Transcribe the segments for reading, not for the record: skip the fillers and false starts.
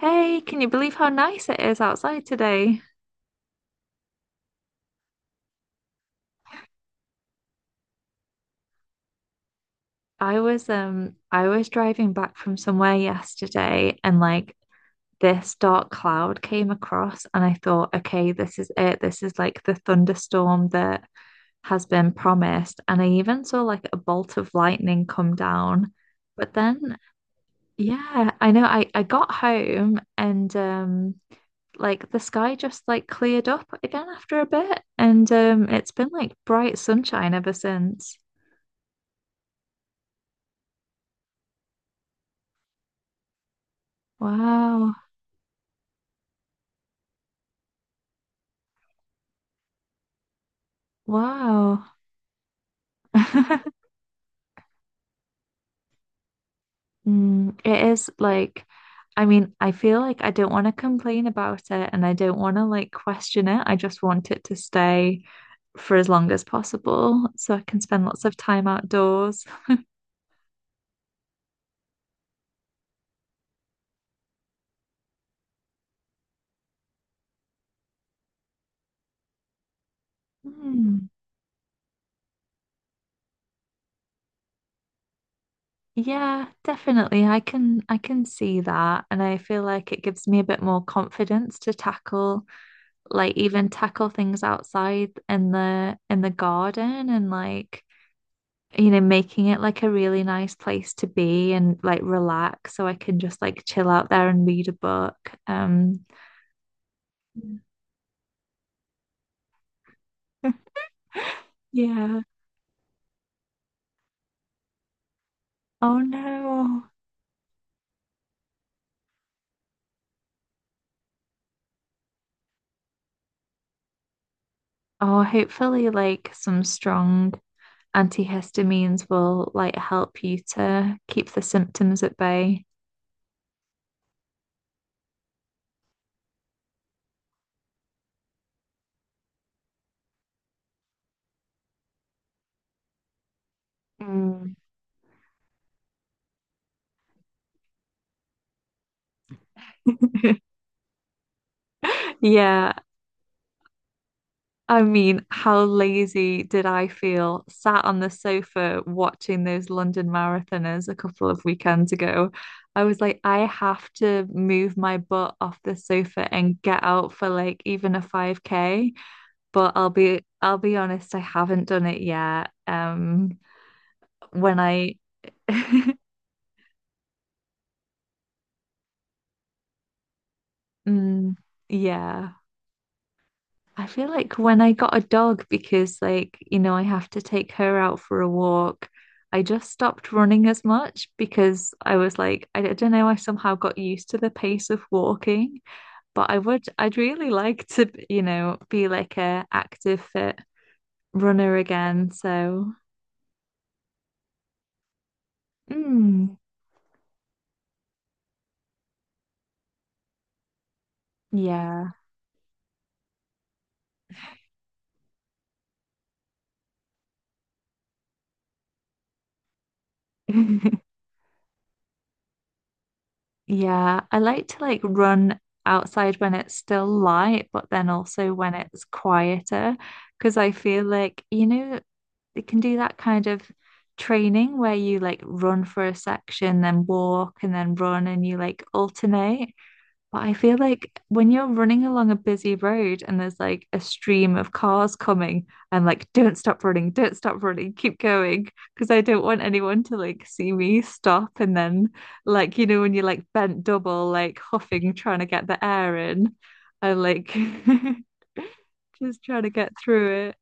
Hey, can you believe how nice it is outside today? I was driving back from somewhere yesterday and like this dark cloud came across and I thought, okay, this is it. This is like the thunderstorm that has been promised. And I even saw like a bolt of lightning come down. But then, yeah, I know I got home and Like the sky just like cleared up again after a bit and it's been like bright sunshine ever since. Wow. Wow. It is like, I mean, I feel like I don't want to complain about it and I don't want to like question it. I just want it to stay for as long as possible so I can spend lots of time outdoors. Mm, yeah, definitely. I can see that and I feel like it gives me a bit more confidence to tackle like even tackle things outside in the garden and like you know, making it like a really nice place to be and like relax so I can just like chill out there and read a book. Um, yeah. Oh no. Oh, hopefully like some strong antihistamines will like help you to keep the symptoms at bay. Mm. Yeah, I mean, how lazy did I feel sat on the sofa watching those London marathoners a couple of weekends ago? I was like, I have to move my butt off the sofa and get out for like even a 5K. But I'll be honest, I haven't done it yet. When I Mm, yeah. I feel like when I got a dog, because like, you know, I have to take her out for a walk, I just stopped running as much because I was like, I don't know, I somehow got used to the pace of walking, but I would, I'd really like to, you know, be like a active fit runner again. So, mm, yeah. Yeah, I like to like run outside when it's still light, but then also when it's quieter, because I feel like, you know, you can do that kind of training where you like run for a section, then walk, and then run, and you like alternate. But I feel like when you're running along a busy road and there's like a stream of cars coming, I'm like, don't stop running, keep going. Because I don't want anyone to like see me stop. And then, like, you know, when you're like bent double, like huffing, trying to get the air in, I'm like just trying to get through it.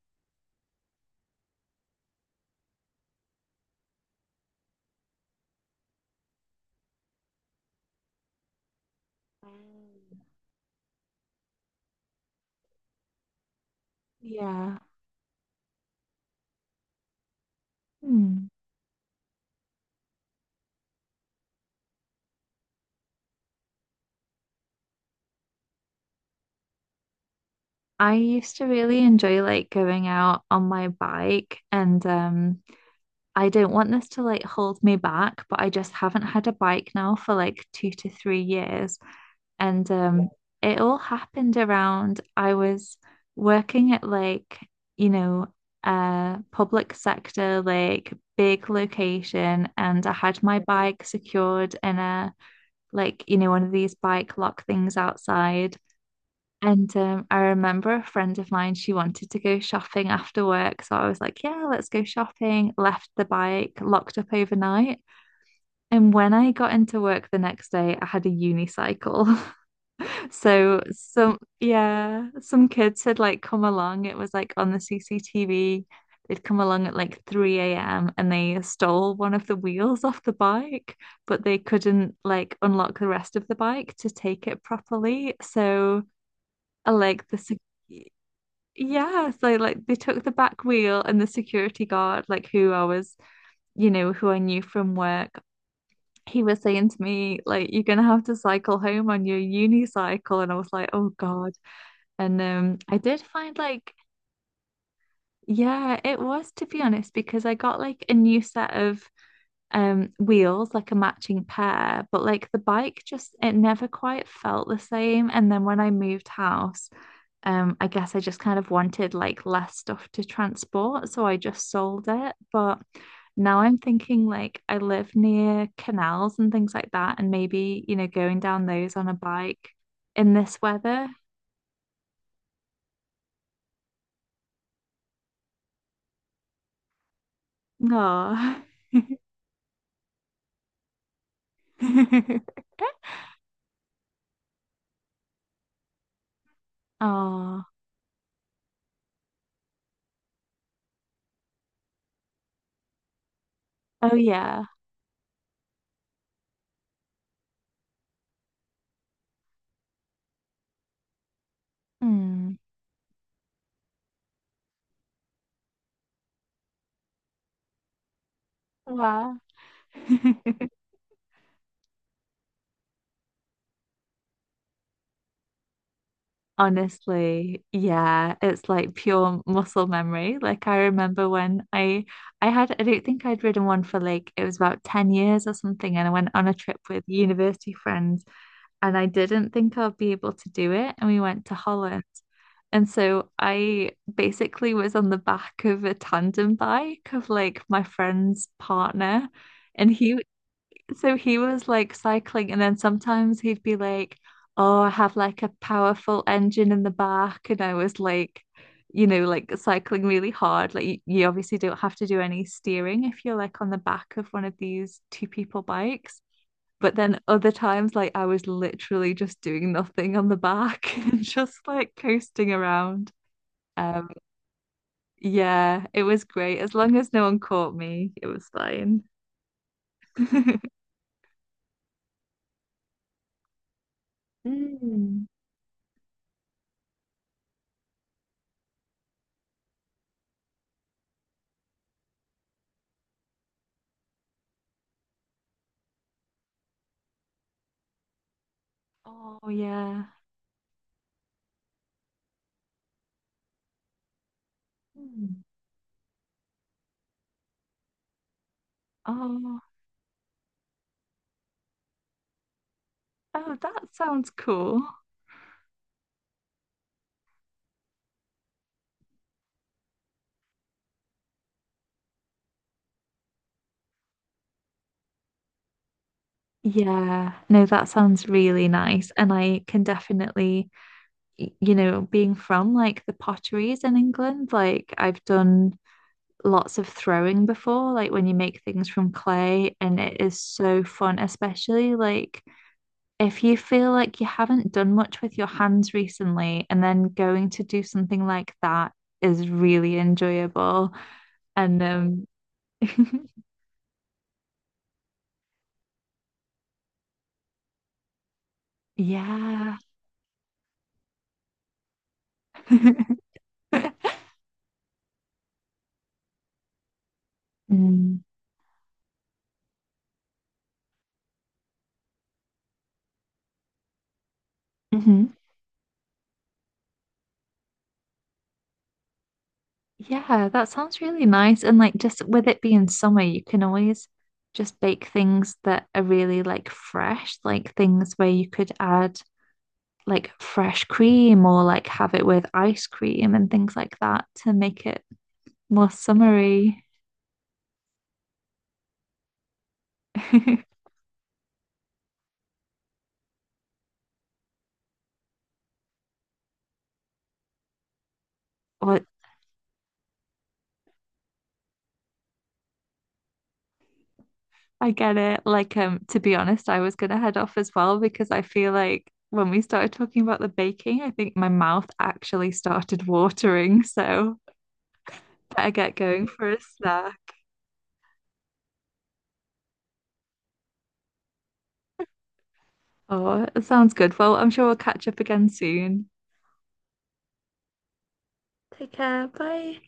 Mm. Yeah. Hmm. I used to really enjoy like going out on my bike and I don't want this to like hold me back, but I just haven't had a bike now for like 2 to 3 years. And It all happened around I was working at like, you know, a public sector, like big location, and I had my bike secured in a like, you know, one of these bike lock things outside. And I remember a friend of mine, she wanted to go shopping after work. So I was like, yeah, let's go shopping. Left the bike locked up overnight. And when I got into work the next day, I had a unicycle. So some, yeah, some kids had like come along. It was like on the CCTV. They'd come along at like 3 a.m. and they stole one of the wheels off the bike, but they couldn't like unlock the rest of the bike to take it properly. So I like the sec- yeah, so like they took the back wheel and the security guard, like who I was, you know, who I knew from work, he was saying to me, like, you're gonna have to cycle home on your unicycle. And I was like, oh God. And I did find like, yeah, it was to be honest, because I got like a new set of wheels, like a matching pair, but like the bike just it never quite felt the same. And then when I moved house, um, I guess I just kind of wanted like less stuff to transport, so I just sold it. But now I'm thinking like I live near canals and things like that, and maybe, you know, going down those on a bike in this weather. Oh. Oh. Oh yeah. Hmm. Wow. Honestly, yeah, it's like pure muscle memory. Like I remember when I don't think I'd ridden one for like it was about 10 years or something and I went on a trip with university friends and I didn't think I'd be able to do it and we went to Holland. And so I basically was on the back of a tandem bike of like my friend's partner and he was like cycling, and then sometimes he'd be like, oh, I have like a powerful engine in the back. And I was like, you know, like cycling really hard. Like, you obviously don't have to do any steering if you're like on the back of one of these two people bikes. But then other times, like, I was literally just doing nothing on the back and just like coasting around. Um, yeah, it was great. As long as no one caught me, it was fine. Mm. Oh, yeah. Hmm. Oh, oh, that sounds cool. Yeah, no, that sounds really nice. And I can definitely, y- you know, being from like the potteries in England, like I've done lots of throwing before, like when you make things from clay, and it is so fun, especially like if you feel like you haven't done much with your hands recently, and then going to do something like that is really enjoyable. And yeah. Mm. Hmm. Yeah, that sounds really nice. And like just with it being summer, you can always just bake things that are really like fresh, like things where you could add like fresh cream or like have it with ice cream and things like that to make it more summery. Or I get it. Like to be honest, I was gonna head off as well because I feel like when we started talking about the baking, I think my mouth actually started watering. So better get going for a snack. Oh, it sounds good. Well, I'm sure we'll catch up again soon. Take care. Bye.